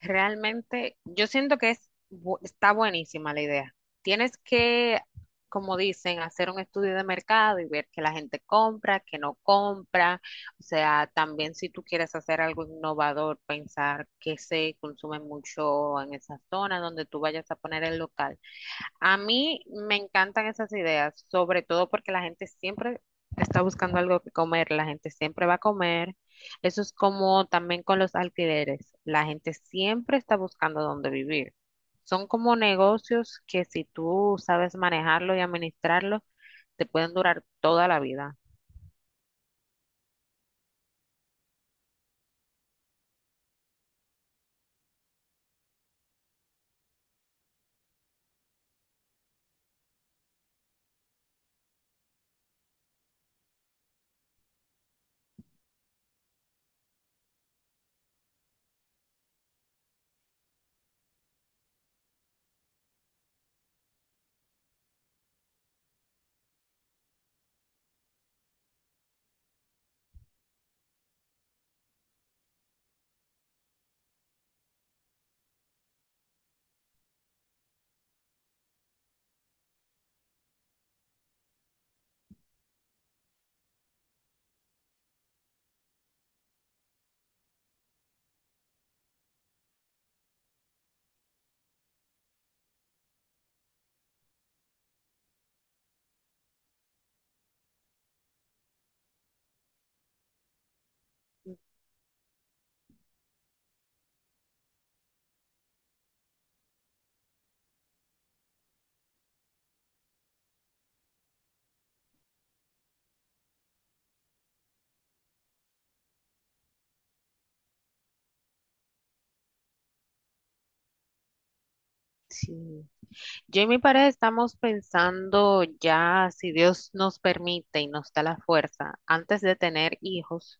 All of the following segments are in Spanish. Realmente, yo siento que está buenísima la idea. Tienes que, como dicen, hacer un estudio de mercado y ver que la gente compra, que no compra. O sea, también si tú quieres hacer algo innovador, pensar que se consume mucho en esa zona donde tú vayas a poner el local. A mí me encantan esas ideas, sobre todo porque la gente siempre está buscando algo que comer, la gente siempre va a comer. Eso es como también con los alquileres, la gente siempre está buscando dónde vivir. Son como negocios que si tú sabes manejarlo y administrarlo, te pueden durar toda la vida. Sí. Yo y mi pareja estamos pensando ya, si Dios nos permite y nos da la fuerza, antes de tener hijos,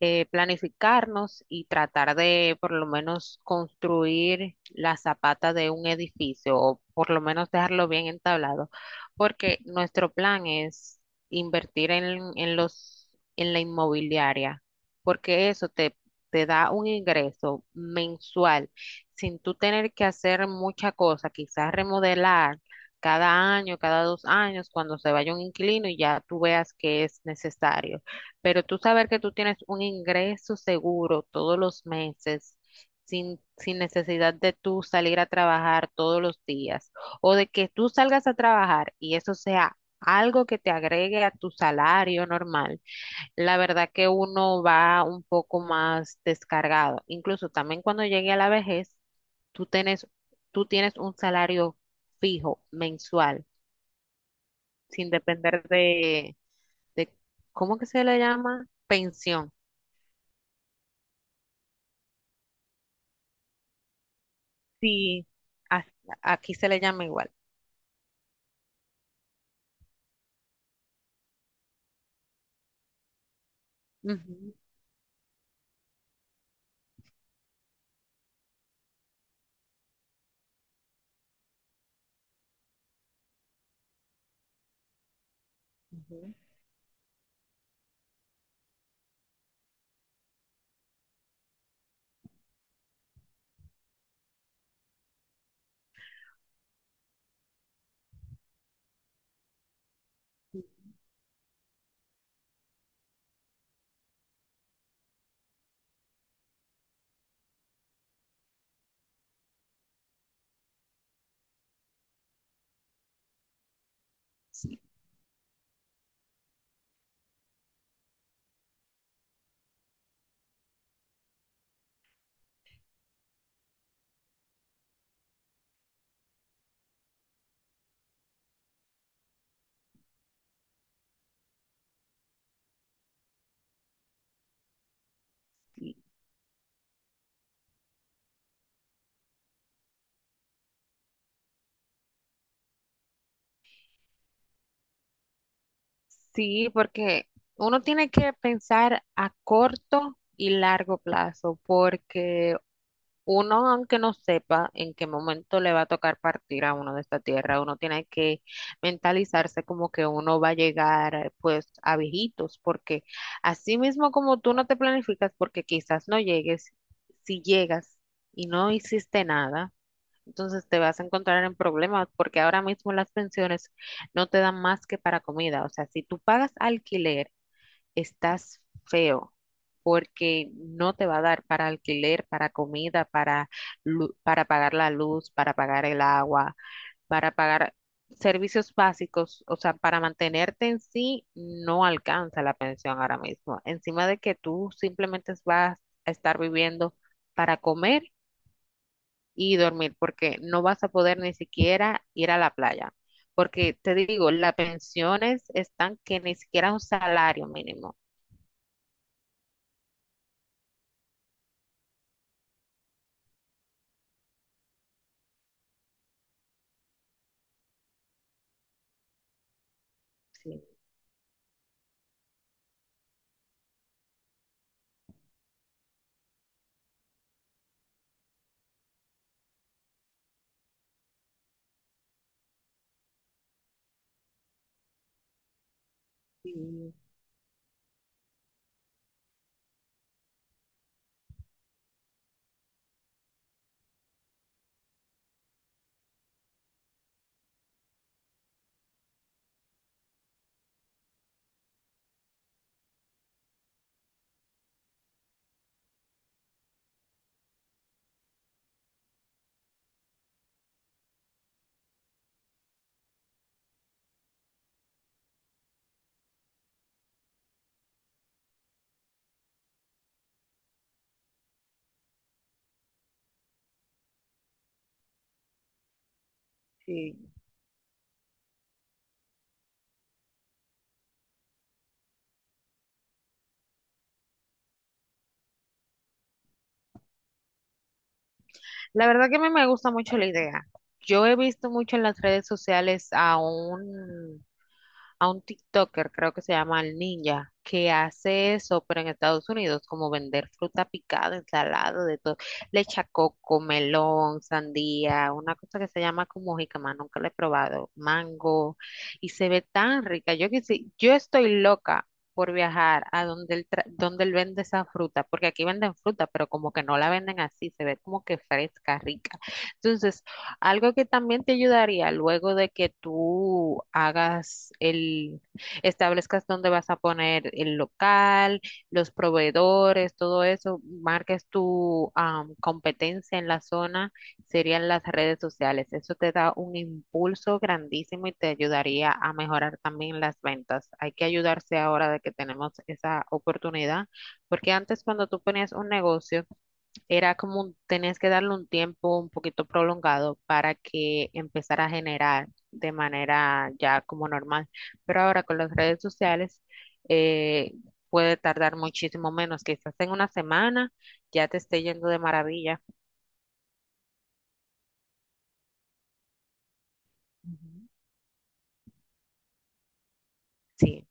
planificarnos y tratar de por lo menos construir la zapata de un edificio o por lo menos dejarlo bien entablado, porque nuestro plan es invertir en en la inmobiliaria, porque eso te da un ingreso mensual sin tú tener que hacer mucha cosa, quizás remodelar cada año, cada 2 años, cuando se vaya un inquilino y ya tú veas que es necesario. Pero tú saber que tú tienes un ingreso seguro todos los meses, sin necesidad de tú salir a trabajar todos los días, o de que tú salgas a trabajar y eso sea algo que te agregue a tu salario normal, la verdad que uno va un poco más descargado. Incluso también cuando llegue a la vejez, tú tienes, tú tienes un salario fijo mensual, sin depender de ¿cómo que se le llama? Pensión. Sí. A- Aquí se le llama igual. Ujú, ujú. Y- Sí, porque uno tiene que pensar a corto y largo plazo, porque uno, aunque no sepa en qué momento le va a tocar partir a uno de esta tierra, uno tiene que mentalizarse como que uno va a llegar pues a viejitos, porque así mismo como tú no te planificas, porque quizás no llegues, si llegas y no hiciste nada, entonces te vas a encontrar en problemas, porque ahora mismo las pensiones no te dan más que para comida, o sea, si tú pagas alquiler estás feo porque no te va a dar para alquiler, para comida, para, para pagar la luz, para pagar el agua, para pagar servicios básicos, o sea, para mantenerte en sí, no alcanza la pensión ahora mismo. Encima de que tú simplemente vas a estar viviendo para comer y dormir, porque no vas a poder ni siquiera ir a la playa. Porque te digo, las pensiones están que ni siquiera un salario mínimo. Sí. Sí. La verdad que a mí me gusta mucho la idea. Yo he visto mucho en las redes sociales a un TikToker, creo que se llama el Ninja, que hace eso, pero en Estados Unidos, como vender fruta picada, ensalada, de todo, le echa coco, melón, sandía, una cosa que se llama como jícama, nunca la he probado, mango, y se ve tan rica. Yo que sí, yo estoy loca por viajar a donde él vende esa fruta, porque aquí venden fruta, pero como que no la venden así, se ve como que fresca, rica. Entonces, algo que también te ayudaría luego de que tú hagas establezcas dónde vas a poner el local, los proveedores, todo eso, marques tu competencia en la zona, serían las redes sociales. Eso te da un impulso grandísimo y te ayudaría a mejorar también las ventas. Hay que ayudarse ahora de que tenemos esa oportunidad, porque antes cuando tú ponías un negocio, era como tenías que darle un tiempo un poquito prolongado para que empezara a generar de manera ya como normal. Pero ahora con las redes sociales eh, puede tardar muchísimo menos, quizás en una semana ya te esté yendo de maravilla. Ujú. Sí,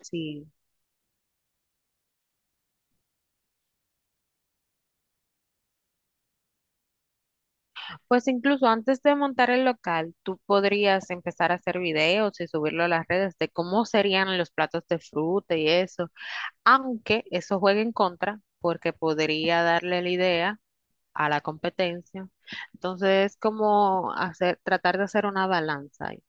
sí. Pues incluso antes de montar el local, tú podrías empezar a hacer videos y subirlo a las redes de cómo serían los platos de fruta y eso, aunque eso juegue en contra, porque podría darle la idea a la competencia. Entonces, es como hacer, tratar de hacer una balanza ahí.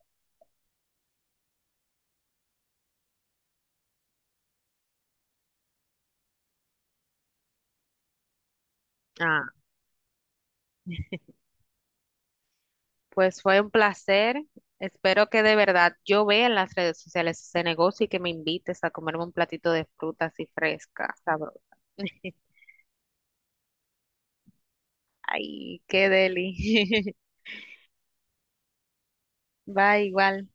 Ah, pues fue un placer. Espero que de verdad yo vea en las redes sociales ese negocio y que me invites a comerme un platito de fruta así fresca, sabrosa. Ay, qué deli. Bye, igual.